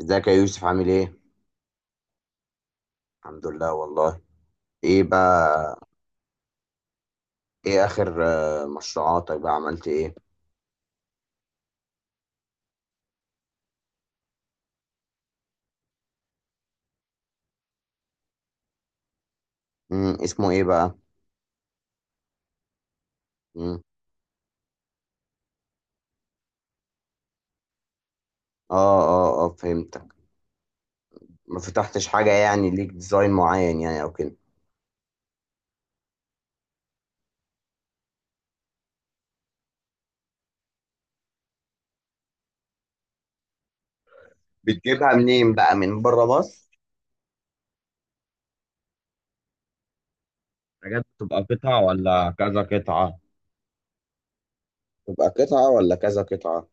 ازيك يا يوسف، عامل ايه؟ الحمد لله والله. ايه بقى. ايه اخر مشروعاتك بقى عملت ايه؟ اسمه ايه بقى؟ مم. اه اه اه، فهمتك. ما فتحتش حاجة يعني، ليك ديزاين معين يعني او كده؟ بتجيبها منين بقى، من بره مصر؟ حاجات بتبقى قطعة ولا كذا قطعة؟ تبقى قطعة ولا كذا قطعة؟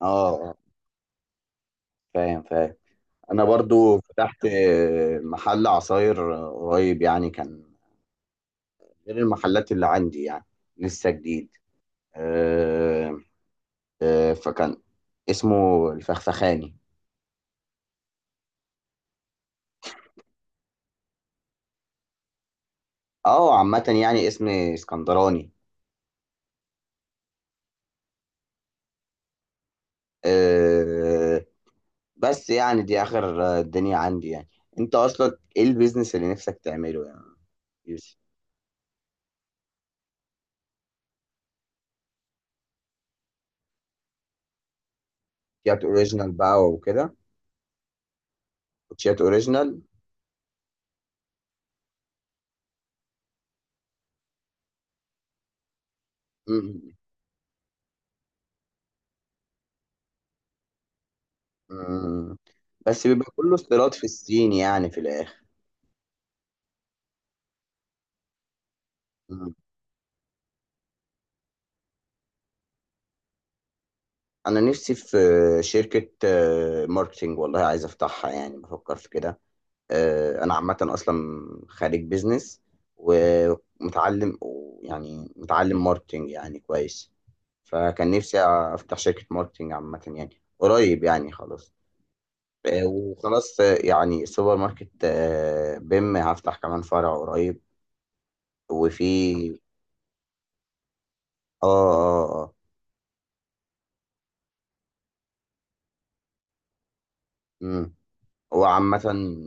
اه، آه، فاهم فاهم. انا برضو فتحت محل عصاير قريب يعني، كان غير المحلات اللي عندي يعني. لسه جديد. آه، فكان اسمه الفخفخاني. اه، عامة يعني اسم اسكندراني. آه، بس يعني دي آخر الدنيا عندي يعني. انت اصلا ايه البيزنس اللي نفسك تعمله يعني؟ يوسف، شيات اوريجينال بقى وكده. كوتشيات اوريجينال. مم. مم. بس بيبقى كله استيراد في الصين يعني في الاخر. مم. انا نفسي في شركة ماركتينج، والله عايز افتحها يعني، بفكر في كده. انا عامه اصلا خريج بيزنس، ومتعلم، يعني متعلم ماركتنج يعني كويس. فكان نفسي افتح شركه ماركتنج عامه يعني قريب يعني، خلاص. وخلاص، يعني سوبر ماركت بيم، هفتح كمان فرع قريب، وفي. اه اه اه. مم. هو عامة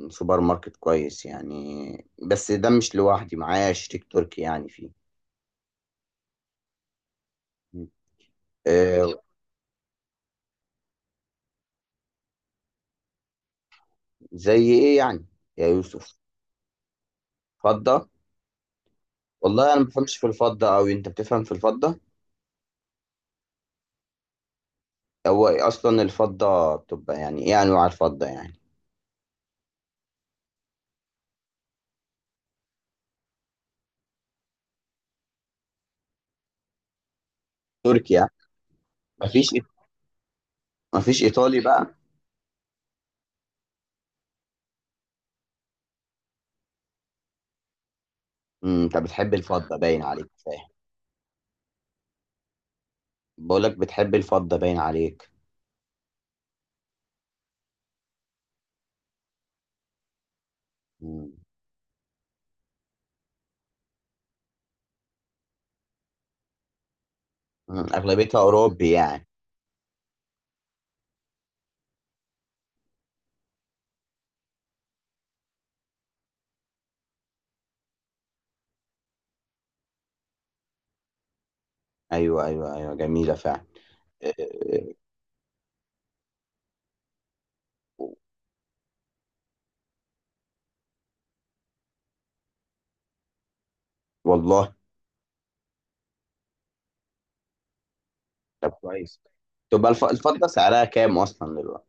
سوبر ماركت كويس يعني، بس ده مش لوحدي، معايا شريك تركي يعني فيه. آه، زي ايه يعني يا يوسف؟ فضة. والله انا ما بفهمش في الفضه أوي، انت بتفهم في الفضه. هو اصلا الفضه بتبقى يعني ايه، انواع الفضه يعني؟ تركيا. مفيش مفيش ايطالي بقى. انت بتحب الفضه باين عليك، فاهم. بقول لك بتحب الفضه باين عليك. مم. اغلبيتها اوروبي يعني. ايوه، ايوه، ايوه، جميله فعلا. إيه، إيه، والله. طب كويس. تبقى الفضه سعرها كام اصلا دلوقتي؟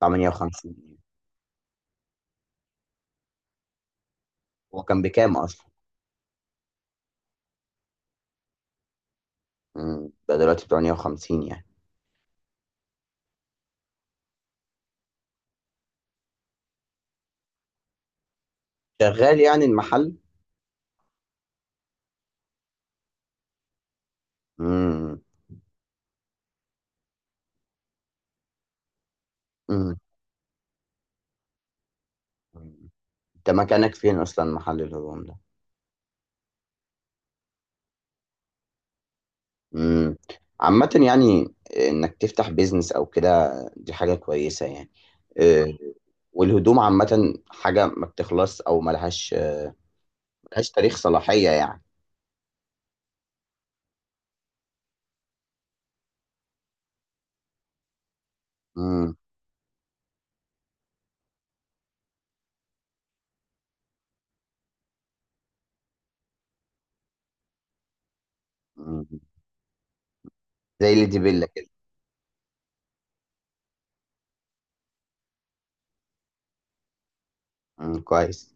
58؟ هو كان بكام اصلا؟ ده دلوقتي 58 يعني. شغال يعني المحل؟ امم. مم. انت مكانك فين اصلا محل الهدوم ده؟ امم. عامة يعني انك تفتح بيزنس او كده، دي حاجة كويسة يعني. آه، والهدوم عامة حاجة ما بتخلص، او ملهاش تاريخ صلاحية يعني. امم امم. زي اللي دي بيلا كده. امم، كويس.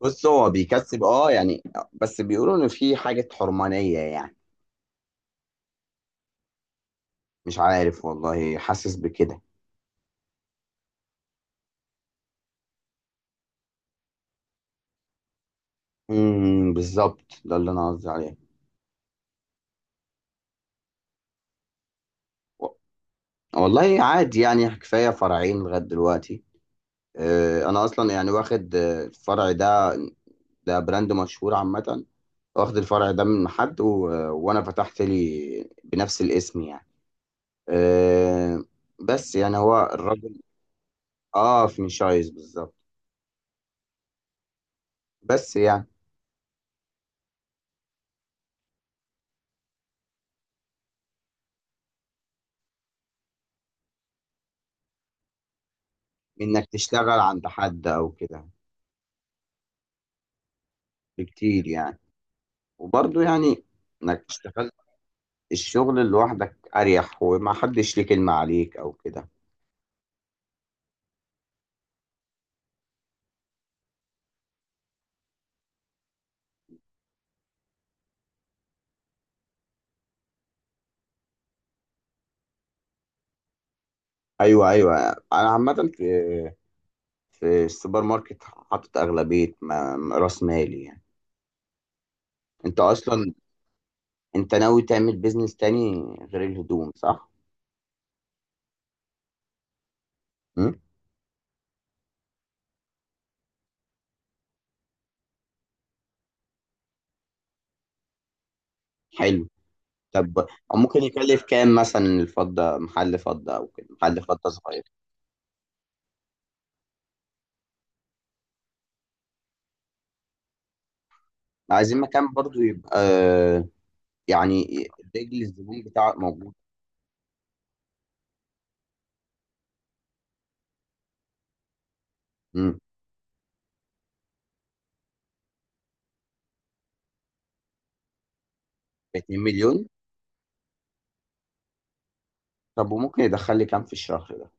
بص هو بيكسب، اه يعني. بس بيقولوا ان في حاجة حرمانية يعني. مش عارف والله، حاسس بكده. بالظبط، ده اللي انا قصدي عليه. والله عادي يعني، كفاية فرعين لغاية دلوقتي. أنا أصلا يعني واخد الفرع ده، ده براند مشهور عامة. واخد الفرع ده من حد وأنا فتحت لي بنفس الاسم يعني. آه، بس يعني هو الراجل. آه، فرنشايز بالظبط. بس يعني إنك تشتغل عند حد أو كده، بكتير يعني. وبرضه يعني، إنك تشتغل الشغل لوحدك أريح، وما حدش ليه كلمة عليك أو كده. أيوه، أيوه. أنا عامة في السوبر ماركت حاطط أغلبية رأس مالي يعني. أنت أصلا، أنت ناوي تعمل بيزنس تاني غير الهدوم، صح؟ مم؟ حلو. طب، أو ممكن يكلف كام مثلا الفضة، محل فضة أو كده، محل فضة صغير؟ عايزين مكان برضو يبقى، يعني رجل الزبون بتاعك موجود. مم. 2 مليون. طب وممكن يدخل لي كام في الشهر ده؟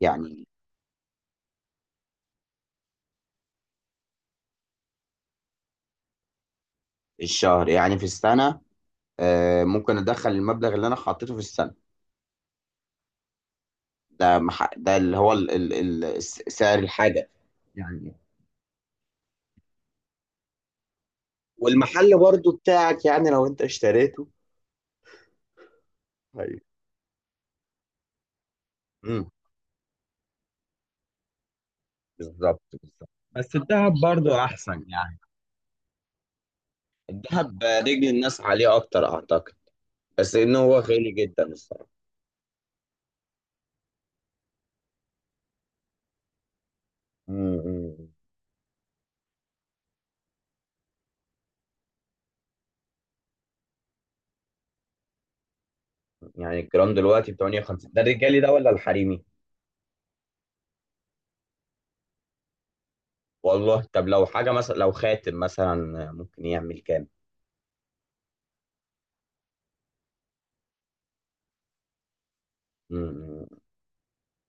يعني في الشهر، يعني في السنة، ممكن أدخل المبلغ اللي أنا حطيته في السنة ده. ده اللي هو سعر الحاجة يعني. والمحل برضو بتاعك يعني، لو انت اشتريته. طيب. امم. بالظبط بالظبط، بس الذهب برضو احسن يعني. الذهب رجل الناس عليه اكتر، اعتقد. بس انه هو غالي جدا الصراحه. أمم. يعني الجرام دلوقتي ب 58 ده، الرجالي ده ولا الحريمي؟ والله، طب لو حاجه مثلا، لو خاتم مثلا، ممكن يعمل كام؟ أمم.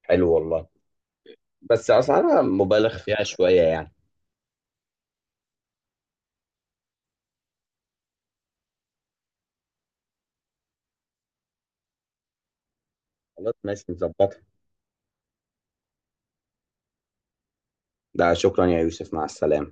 حلو والله. بس اسعارها مبالغ فيها شويه يعني. خلاص، ماشي، نظبطها. ده شكرا يا يوسف، مع السلامة.